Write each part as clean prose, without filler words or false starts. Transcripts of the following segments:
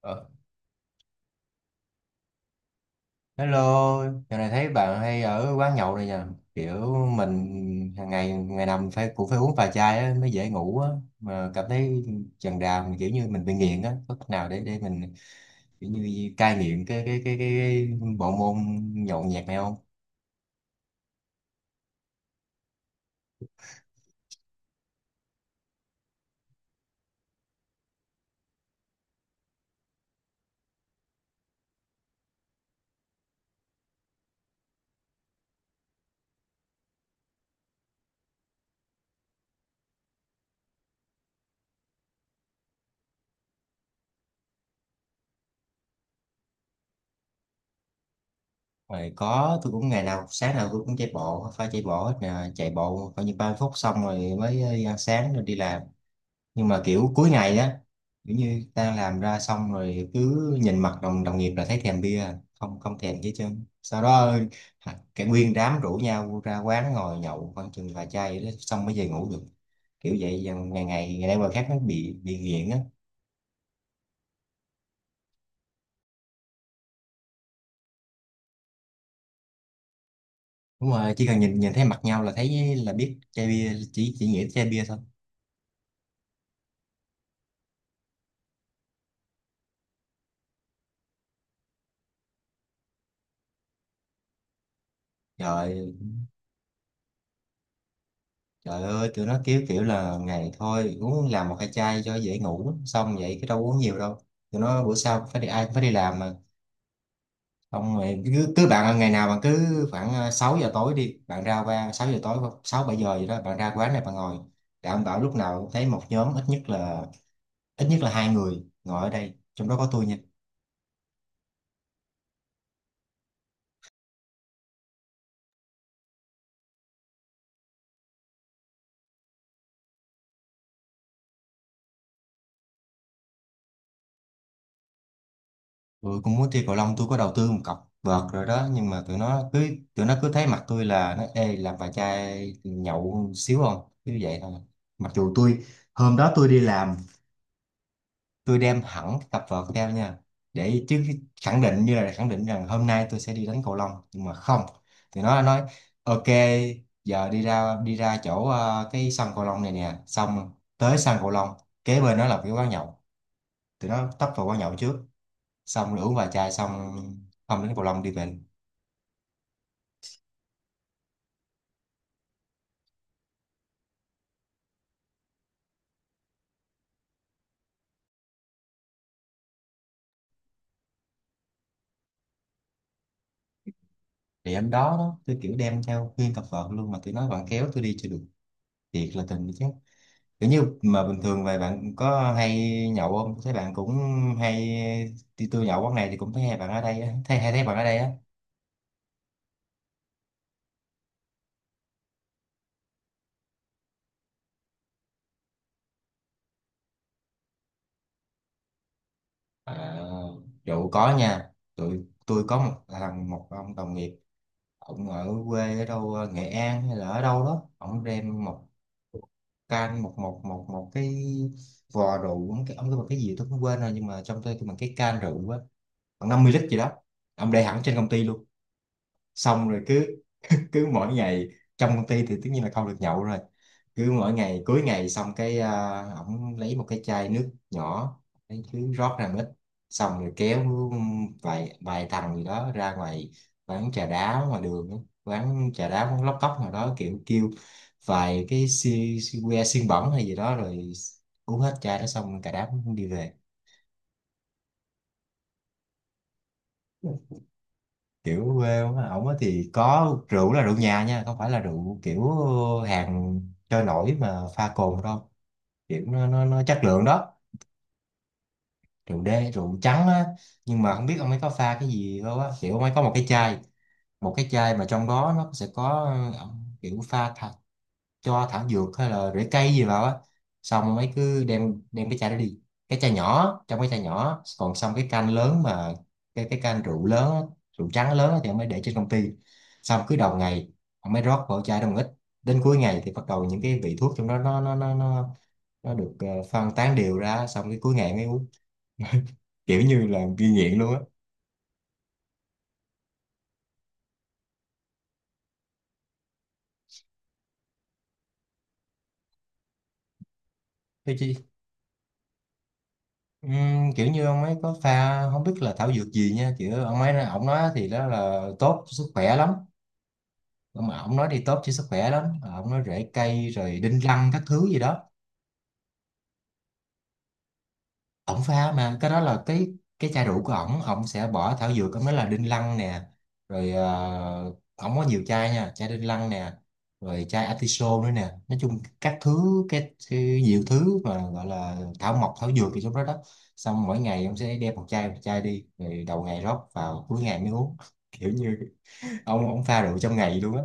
Ờ, Hello, giờ này thấy bạn hay ở quán nhậu này nha. Kiểu mình hàng ngày ngày nằm phải cũng phải uống vài chai á, mới dễ ngủ á. Mà cảm thấy chần đà mình kiểu như mình bị nghiện á. Có cách nào để mình kiểu như cai nghiện cái bộ môn nhậu nhẹt này không? Rồi có, tôi cũng ngày nào sáng nào tôi cũng chạy bộ, phải chạy bộ hết nè, chạy bộ coi như 3 phút xong rồi mới ăn sáng rồi đi làm. Nhưng mà kiểu cuối ngày á, kiểu như ta làm ra xong rồi cứ nhìn mặt đồng đồng nghiệp là thấy thèm bia, không không thèm chứ chứ sau đó hả, cả nguyên đám rủ nhau ra quán ngồi nhậu khoảng chừng vài chai vậy đó, xong mới về ngủ được, kiểu vậy ngày ngày ngày nay qua khác nó bị nghiện á. Đúng rồi, chỉ cần nhìn nhìn thấy mặt nhau là thấy là biết chai bia, chỉ nghĩ tới chai bia thôi. Trời, trời ơi tụi nó kiểu kiểu là ngày thôi uống làm một hai chai cho dễ ngủ, xong vậy cái đâu uống nhiều đâu. Tụi nó bữa sau phải đi, ai cũng phải đi làm mà. Không, mày cứ bạn ngày nào bạn cứ khoảng 6 giờ tối đi, bạn ra qua 6 giờ tối, 6 7 giờ gì đó bạn ra quán này bạn ngồi, đảm bảo lúc nào cũng thấy một nhóm ít nhất là hai người ngồi ở đây, trong đó có tôi nha. Tôi cũng muốn chơi cầu lông, tôi có đầu tư một cọc vợt rồi đó, nhưng mà tụi nó cứ thấy mặt tôi là nó ê, làm vài chai nhậu xíu không, cứ vậy thôi. Mặc dù tôi hôm đó tôi đi làm, tôi đem hẳn cái cặp vợt theo nha, để chứ khẳng định như là khẳng định rằng hôm nay tôi sẽ đi đánh cầu lông, nhưng mà không. Thì nó nói ok, giờ đi ra chỗ cái sân cầu lông này nè, xong tới sân cầu lông kế bên nó là cái quán nhậu, tụi nó tấp vào quán nhậu trước, xong rồi uống vài chai xong, không đến cầu lông, đi về. Thì hôm đó đó tôi kiểu đem theo nguyên cặp vợt luôn mà tụi nó vẫn kéo tôi đi, chưa được, thiệt là tình chứ. Kiểu như mà bình thường vậy bạn có hay nhậu không, thấy bạn cũng hay đi, tôi nhậu quán này thì cũng thấy hai bạn ở đây á, thấy hay, thấy bạn ở đây á. À, rượu có nha, tụi tôi có một thằng, một ông đồng nghiệp, ông ở quê ở đâu Nghệ An hay là ở đâu đó, ông đem một can một một một một cái vò rượu, ông cái một cái gì tôi cũng quên rồi, nhưng mà trong tôi cái bằng cái can rượu á, khoảng 50 lít gì đó, ông để hẳn trên công ty luôn, xong rồi cứ cứ mỗi ngày, trong công ty thì tất nhiên là không được nhậu rồi, cứ mỗi ngày cuối ngày xong cái à, ổng lấy một cái chai nước nhỏ, lấy cứ rót ra một ít, xong rồi kéo vài vài thằng gì đó ra ngoài quán trà đá ngoài đường á, quán trà đá, quán lóc cóc nào đó, kiểu kêu vài cái si, si que xiên bẩn hay gì đó rồi uống hết chai đó, xong cả đám đi về. Kiểu quê quá ổng á, thì có rượu là rượu nhà nha, không phải là rượu kiểu hàng trôi nổi mà pha cồn đâu, kiểu nó chất lượng đó. Rượu đê, rượu trắng á, nhưng mà không biết ông ấy có pha cái gì đâu á, kiểu ông ấy có một cái chai, một cái chai mà trong đó nó sẽ có ờ, kiểu pha cho thảo dược hay là rễ cây gì vào á, xong ông ấy cứ đem đem cái chai đó đi. Cái chai nhỏ, trong cái chai nhỏ còn, xong cái can lớn mà, cái can rượu lớn á, rượu trắng lớn á thì ông ấy để trên công ty, xong cứ đầu ngày ông ấy rót vào chai đó một ít, đến cuối ngày thì bắt đầu những cái vị thuốc trong đó nó nó được phân tán đều ra, xong cái cuối ngày mới uống kiểu như là ghi nghiện luôn á. Thế chứ ừm, kiểu như ông ấy có pha không biết là thảo dược gì nha, kiểu ông ấy ông nói thì đó là tốt sức khỏe lắm. Mà ông nói đi tốt cho sức khỏe lắm. Ờ, ông nói rễ cây rồi đinh lăng các thứ gì đó, ông pha mà cái đó là cái chai rượu của ổng ông sẽ bỏ thảo dược, ổng nói là đinh lăng nè, rồi ổng có nhiều chai nha, chai đinh lăng nè, rồi chai atiso nữa nè, nói chung các thứ cái nhiều thứ mà gọi là thảo mộc thảo dược thì trong đó đó, xong mỗi ngày ông sẽ đem một chai đi rồi đầu ngày rót vào cuối ngày mới uống kiểu như ông pha rượu trong ngày luôn á.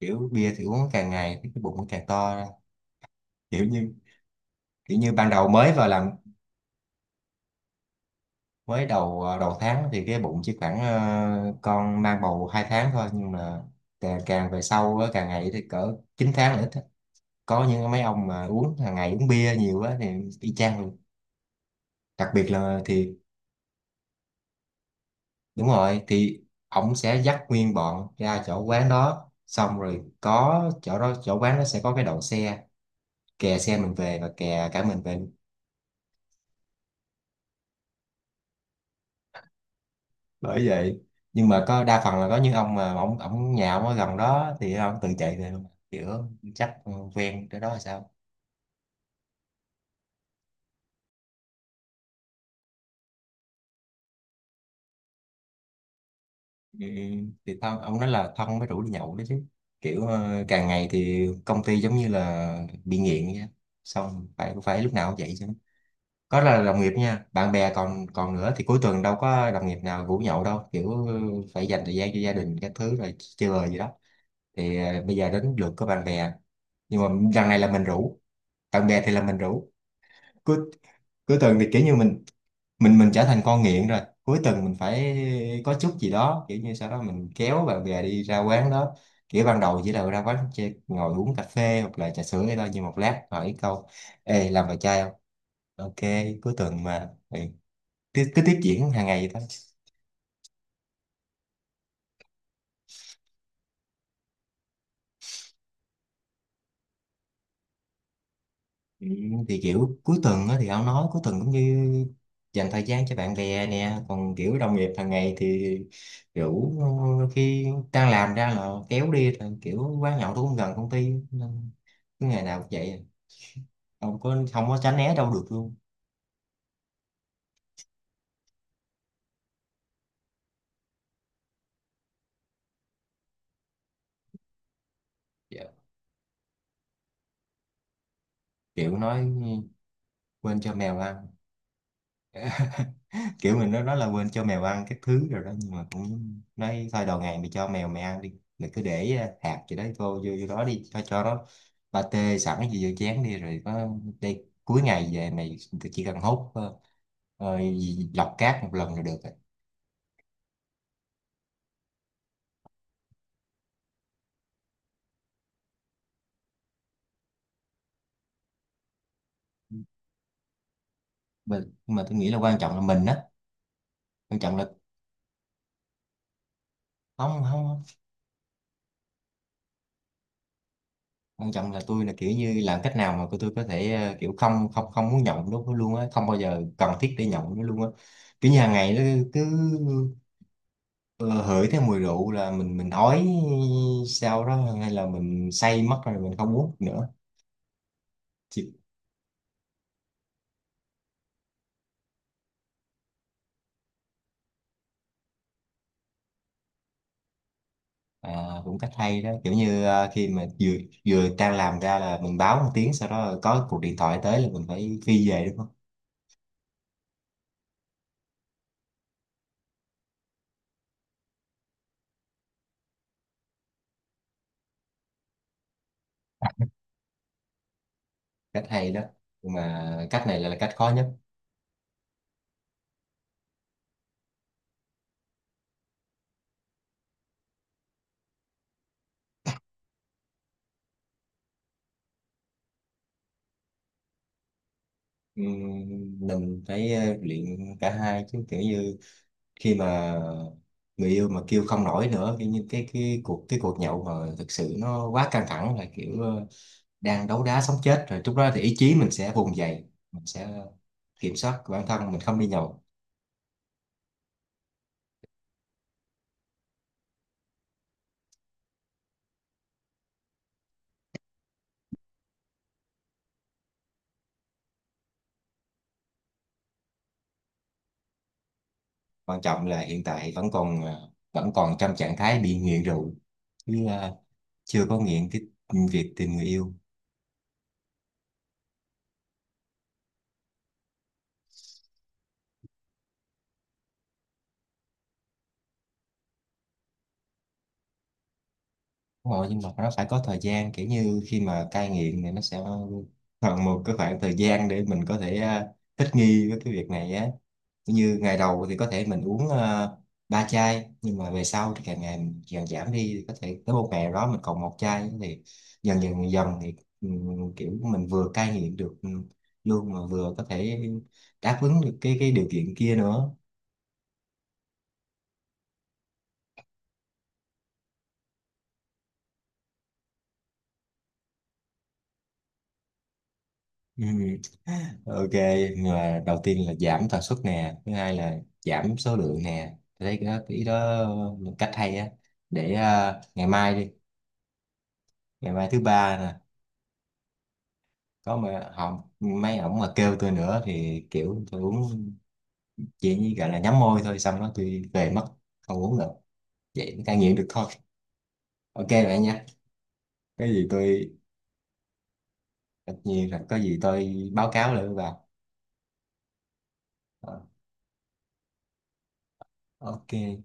Kiểu bia thì uống càng ngày cái bụng nó càng to, kiểu như kiểu như ban đầu mới vào làm, mới đầu đầu tháng thì cái bụng chỉ khoảng con mang bầu 2 tháng thôi, nhưng mà càng về sau á, càng ngày thì cỡ 9 tháng nữa, có những mấy ông mà uống hàng ngày uống bia nhiều quá thì y chang luôn, đặc biệt là thì đúng rồi thì ổng sẽ dắt nguyên bọn ra chỗ quán đó, xong rồi có chỗ đó chỗ quán nó sẽ có cái đậu xe, kè xe mình về và kè cả mình về. Bởi vậy, nhưng mà có đa phần là có những ông mà ông nhà ông ở gần đó thì ông tự chạy về mà. Kiểu chắc quen cái đó là sao. Ừ, thì thân, ông nói là thân mới rủ đi nhậu đó chứ, kiểu càng ngày thì công ty giống như là bị nghiện vậy á. Xong phải phải lúc nào cũng vậy chứ, có là đồng nghiệp nha, bạn bè còn còn nữa, thì cuối tuần đâu có đồng nghiệp nào rủ nhậu đâu, kiểu phải dành thời gian cho gia đình các thứ rồi chơi bời gì đó, thì bây giờ đến lượt của bạn bè. Nhưng mà lần này là mình rủ bạn bè, thì là mình rủ cuối cuối tuần thì kiểu như mình mình trở thành con nghiện rồi, cuối tuần mình phải có chút gì đó kiểu như, sau đó mình kéo bạn bè đi ra quán đó, kiểu ban đầu chỉ là ra quán chơi, ngồi uống cà phê hoặc là trà sữa hay thôi, nhưng một lát hỏi câu ê làm bài chai không, ok cuối tuần mà ừ. Cứ tiếp diễn hàng ngày vậy thôi. Ừ, thì kiểu cuối tuần á, thì ông nói cuối tuần cũng như dành thời gian cho bạn bè nè, còn kiểu đồng nghiệp hàng ngày thì kiểu khi đang làm ra là kéo đi, thì kiểu quán nhậu tôi cũng gần công ty nên cứ ngày nào cũng vậy, không có tránh né đâu được luôn. Dạ. Kiểu nói quên cho mèo ăn kiểu mình nó nói là quên cho mèo ăn các thứ rồi đó, nhưng mà cũng nói thôi, đầu ngày mày cho mèo mày ăn đi, mày cứ để hạt gì đấy vô vô vô đó đi cho nó, ba tê sẵn gì vô chén đi rồi có đây, cuối ngày về mày chỉ cần hốt lọc cát một lần là được rồi. Nhưng mà tôi nghĩ là quan trọng là mình á, quan trọng là không không không. Quan trọng là tôi là kiểu như làm cách nào mà tôi có thể kiểu không không không muốn nhậu nó luôn á, không bao giờ cần thiết để nhậu nó luôn á, kiểu như hàng ngày nó cứ, ờ, hửi theo mùi rượu là mình ói sau đó, hay là mình say mất rồi mình không uống nữa. Chị, À, cũng cách hay đó, kiểu như à, khi mà vừa vừa đang làm ra là mình báo một tiếng, sau đó có cuộc điện thoại tới là mình phải phi về đúng không. Cách hay đó, nhưng mà cách này là cách khó nhất. Mình phải luyện cả hai chứ, kiểu như khi mà người yêu mà kêu không nổi nữa, kiểu như cái cuộc nhậu mà thực sự nó quá căng thẳng là kiểu à, đang đấu đá sống chết rồi, lúc đó thì ý chí mình sẽ vùng dậy, mình sẽ kiểm soát của bản thân mình không đi nhậu. Quan trọng là hiện tại vẫn còn vẫn còn trong trạng thái bị nghiện rượu chứ à, chưa có nghiện cái việc tìm người yêu. Đúng rồi, nhưng mà nó phải có thời gian, kiểu như khi mà cai nghiện thì nó sẽ cần một cái khoảng thời gian để mình có thể thích nghi với cái việc này á. Kiểu như ngày đầu thì có thể mình uống 3 chai, nhưng mà về sau thì càng ngày mình càng giảm đi, thì có thể tới một ngày nào đó mình còn một chai, thì dần dần dần thì kiểu mình vừa cai nghiện được luôn mà vừa có thể đáp ứng được cái điều kiện kia nữa. Ừ. Ok, là đầu tiên là giảm tần suất nè, thứ hai là giảm số lượng nè. Tôi thấy cái ý đó là cách hay á. Để à, ngày mai đi, ngày mai thứ ba nè, có mà họ mấy ổng mà kêu tôi nữa thì kiểu tôi uống chỉ như gọi là nhắm môi thôi, xong đó tôi về mất, không uống nữa. Vậy mới cai nghiện được thôi. Ok bạn nha. Cái gì tôi tất nhiên là có gì tôi báo cáo lại với bà. Ờ, Ok.